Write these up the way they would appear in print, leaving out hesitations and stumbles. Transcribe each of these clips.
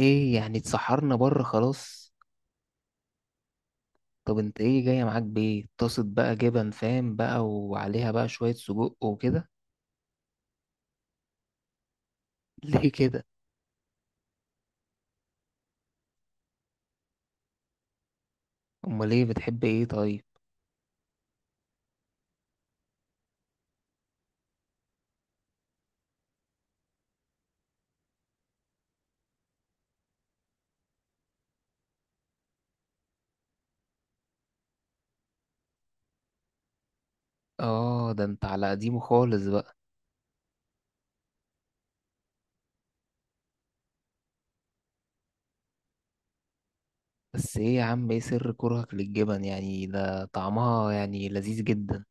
ايه يعني اتسحرنا بره خلاص. طب انت ايه جاية معاك؟ بايه؟ طاسة بقى جبن فاهم بقى، وعليها بقى شوية سجق وكده. ليه كده؟ امال ايه؟ بتحب ايه طيب؟ اه، ده انت على قديمه خالص بقى. بس ايه يا عم، ايه سر كرهك للجبن؟ يعني ده طعمها يعني لذيذ جدا.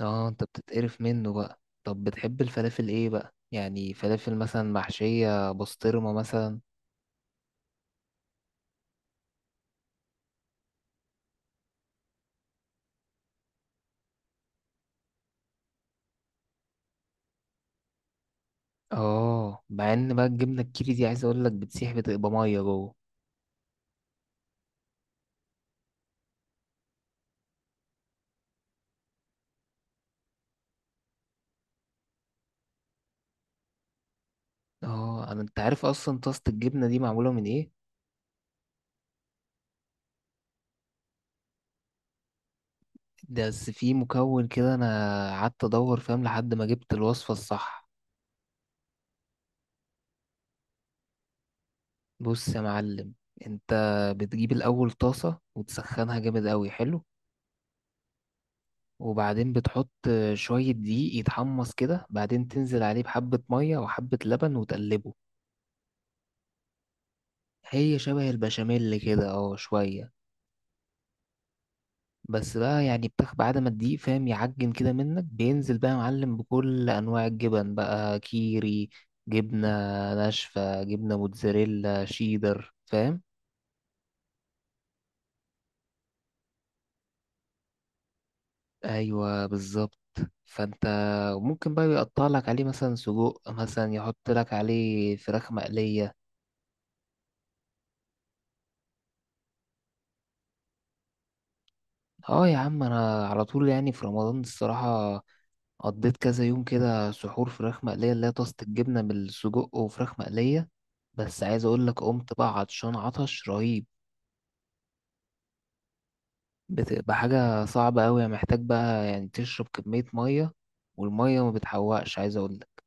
اه، انت بتتقرف منه بقى. طب بتحب الفلافل ايه بقى؟ يعني فلافل مثلا محشية بسطرمة مثلا. اه، مع ان بقى الجبنة الكيري دي عايز اقولك بتسيح، بتبقى مية جوه. اه، انا انت عارف اصلا طاسة الجبنة دي معمولة من ايه؟ ده بس في مكون كده، انا قعدت ادور فاهم لحد ما جبت الوصفة الصح. بص يا معلم، انت بتجيب الاول طاسة وتسخنها جامد قوي. حلو. وبعدين بتحط شوية دقيق يتحمص كده، بعدين تنزل عليه بحبة مية وحبة لبن وتقلبه. هي شبه البشاميل كده اه، شوية. بس بقى يعني الفراخ بعد ما تديه فاهم يعجن كده منك، بينزل بقى يا معلم بكل انواع الجبن بقى، كيري، جبنة ناشفة، جبنة موتزاريلا، شيدر، فاهم. ايوه بالظبط. فانت ممكن بقى يقطع لك عليه مثلا سجق مثلا، يحط لك عليه فراخ مقلية. اه يا عم، انا على طول يعني في رمضان الصراحة قضيت كذا يوم كده سحور فراخ مقلية، اللي هي طاسة الجبنة بالسجق وفراخ مقلية. بس عايز اقول لك، قمت بقى عطشان عطش رهيب. بتبقى حاجة صعبة أوي، يعني محتاج بقى يعني تشرب كمية مية، والمية ما بتحوقش عايز اقول لك.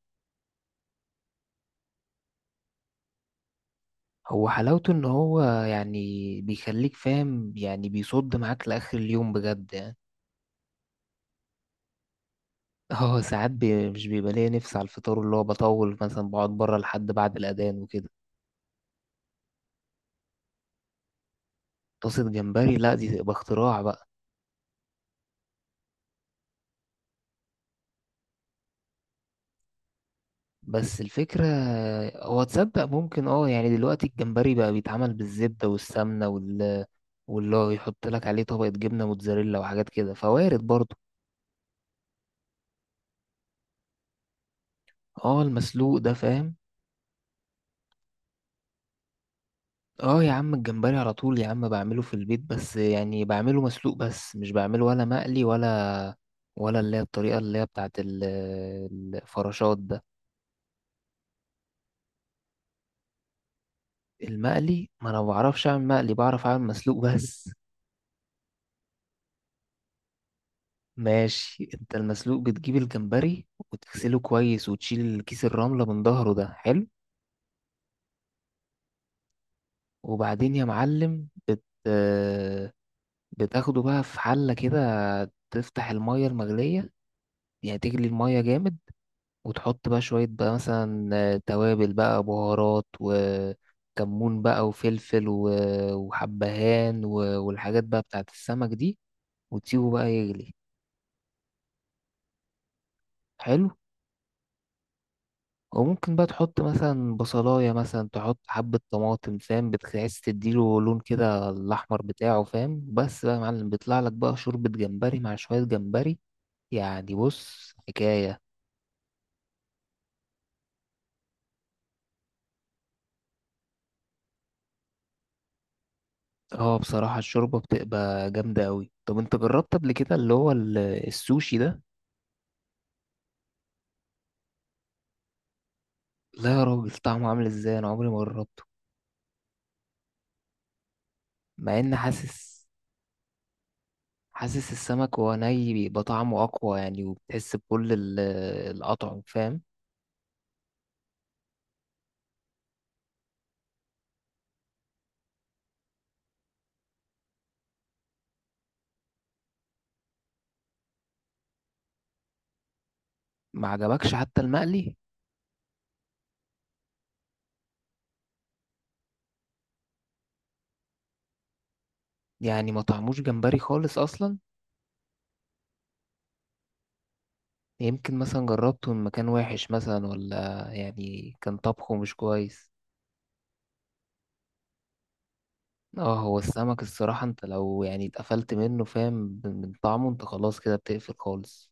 هو حلاوته ان هو يعني بيخليك فاهم، يعني بيصد معاك لآخر اليوم بجد يعني. اه، ساعات بي مش بيبقى ليا نفس على الفطار، اللي هو بطول مثلا بقعد بره لحد بعد الأذان وكده. طاسة جمبري؟ لا دي تبقى اختراع بقى. بس الفكرة، هو تصدق ممكن اه يعني دلوقتي الجمبري بقى بيتعمل بالزبدة والسمنة واللي هو يحط لك عليه طبقة جبنة موتزاريلا وحاجات كده، فوارد برضه. اه المسلوق ده فاهم. اه يا عم الجمبري على طول يا عم بعمله في البيت، بس يعني بعمله مسلوق بس، مش بعمله ولا مقلي ولا اللي هي الطريقة اللي هي الفراشات ده. المقلي ما انا ما بعرفش اعمل مقلي، بعرف اعمل مسلوق بس. ماشي، انت المسلوق بتجيب الجمبري وتغسله كويس وتشيل كيس الرملة من ظهره ده. حلو. وبعدين يا معلم بت... آه، بتاخده بقى في حلة كده، تفتح المية المغلية، يعني تجلي المية جامد، وتحط بقى شوية بقى مثلا توابل بقى، بهارات وكمون بقى وفلفل وحبهان والحاجات بقى بتاعت السمك دي، وتسيبه بقى يغلي. حلو. وممكن بقى تحط مثلا بصلاية، مثلا تحط حبة طماطم فاهم، بتحس تديله لون كده الأحمر بتاعه فاهم. بس بقى يا معلم بيطلع لك بقى شوربة جمبري مع شوية جمبري، يعني بص حكاية. اه بصراحة الشوربة بتبقى جامدة أوي. طب انت جربت قبل كده اللي هو السوشي ده؟ لا يا راجل، طعمه عامل ازاي؟ انا عمري ما جربته. مع ان حاسس، حاسس السمك وهو ني بيبقى طعمه أقوى يعني، وبتحس بكل الأطعم فاهم. ما عجبكش حتى المقلي؟ يعني ما طعموش جمبري خالص اصلا؟ يمكن مثلا جربته من مكان وحش مثلا، ولا يعني كان طبخه مش كويس. اه، هو السمك الصراحة انت لو يعني اتقفلت منه فاهم من طعمه، انت خلاص كده بتقفل خالص.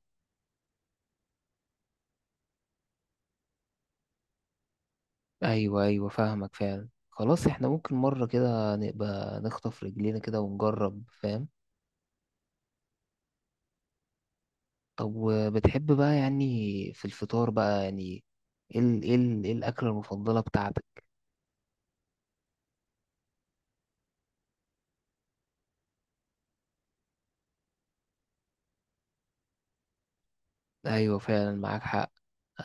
ايوه ايوه، فاهمك فعلا. خلاص احنا ممكن مرة كده نبقى نخطف رجلينا كده ونجرب فاهم. طب وبتحب بقى يعني في الفطار بقى يعني ايه ايه الاكلة المفضلة بتاعتك؟ ايوه فعلا، معاك حق.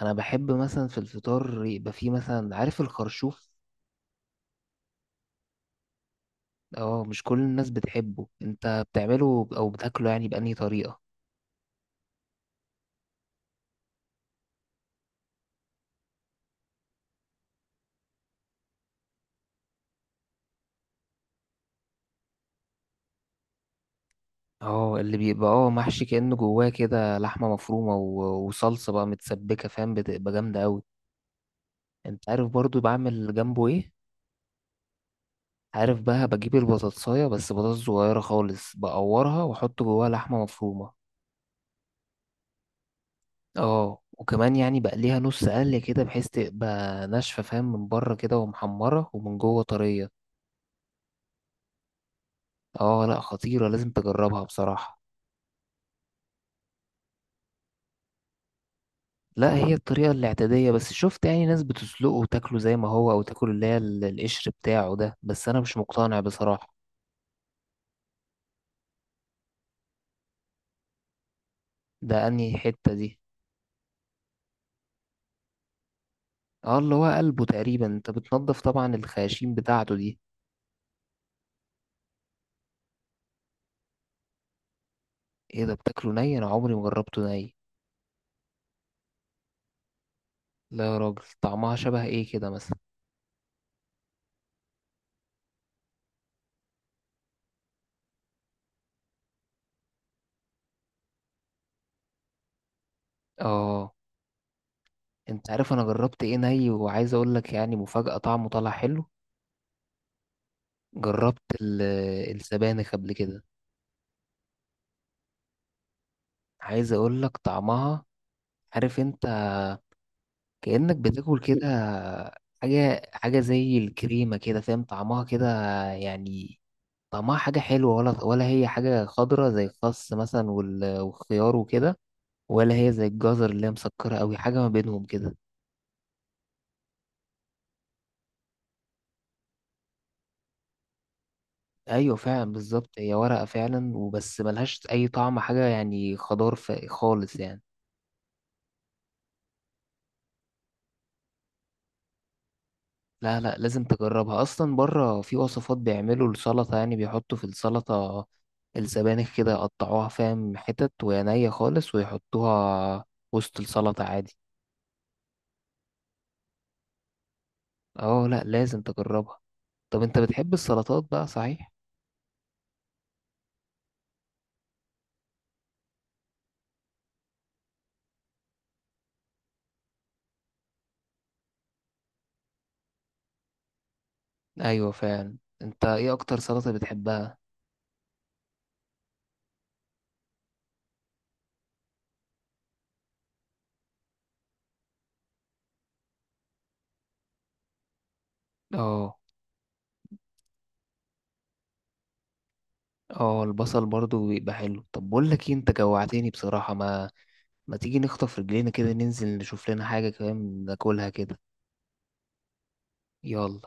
انا بحب مثلا في الفطار يبقى فيه مثلا، عارف، الخرشوف. اه، مش كل الناس بتحبه. انت بتعمله او بتاكله يعني بأنهي طريقة؟ اه، اللي بيبقى اه محشي كأنه جواه كده لحمة مفرومة وصلصة بقى متسبكة فاهم، بتبقى جامدة قوي. انت عارف برضو بعمل جنبه ايه؟ عارف بقى، بجيب البطاطساية بس بطاطس صغيرة خالص، بقورها واحط جواها لحمة مفرومة. اه وكمان يعني بقى ليها نص قلة كده، بحيث تبقى ناشفة فاهم، من بره كده ومحمرة ومن جوه طرية. اه لا خطيرة، لازم تجربها بصراحة. لا هي الطريقة الاعتيادية بس، شفت يعني ناس بتسلقه وتاكله زي ما هو، او تاكل اللي هي القشر بتاعه ده، بس انا مش مقتنع بصراحة. ده انهي حتة دي؟ اه اللي هو قلبه تقريبا. انت بتنضف طبعا الخياشيم بتاعته دي. ايه ده، بتاكله ني؟ انا عمري ما جربته ني. لا يا راجل، طعمها شبه ايه كده مثلا؟ اه. انت عارف انا جربت ايه ني وعايز اقول لك يعني مفاجأة، طعمه طلع حلو؟ جربت السبانخ قبل كده. عايز اقول لك طعمها، عارف انت، كأنك بتاكل كده حاجة، حاجة زي الكريمة كده فاهم، طعمها كده يعني. طعمها حاجة حلوة، ولا ولا هي حاجة خضرة زي الخس مثلا والخيار وكده، ولا هي زي الجزر اللي هي مسكرة أوي؟ حاجة ما بينهم كده. أيوة فعلا بالظبط، هي ورقة فعلا وبس، ملهاش أي طعم، حاجة يعني خضار خالص يعني. لا لا، لازم تجربها. اصلا بره في وصفات بيعملوا السلطه، يعني بيحطوا في السلطه السبانخ كده، يقطعوها فاهم حتت وهي نية خالص، ويحطوها وسط السلطه عادي. اه لا، لازم تجربها. طب انت بتحب السلطات بقى صحيح؟ ايوه فعلا. انت ايه اكتر سلطه بتحبها؟ اه. اه، البصل برضو بيبقى حلو. طب بقول لك ايه، انت جوعتني بصراحه. ما ما تيجي نخطف رجلينا كده، ننزل نشوف لنا حاجه كمان ناكلها كده؟ يلا.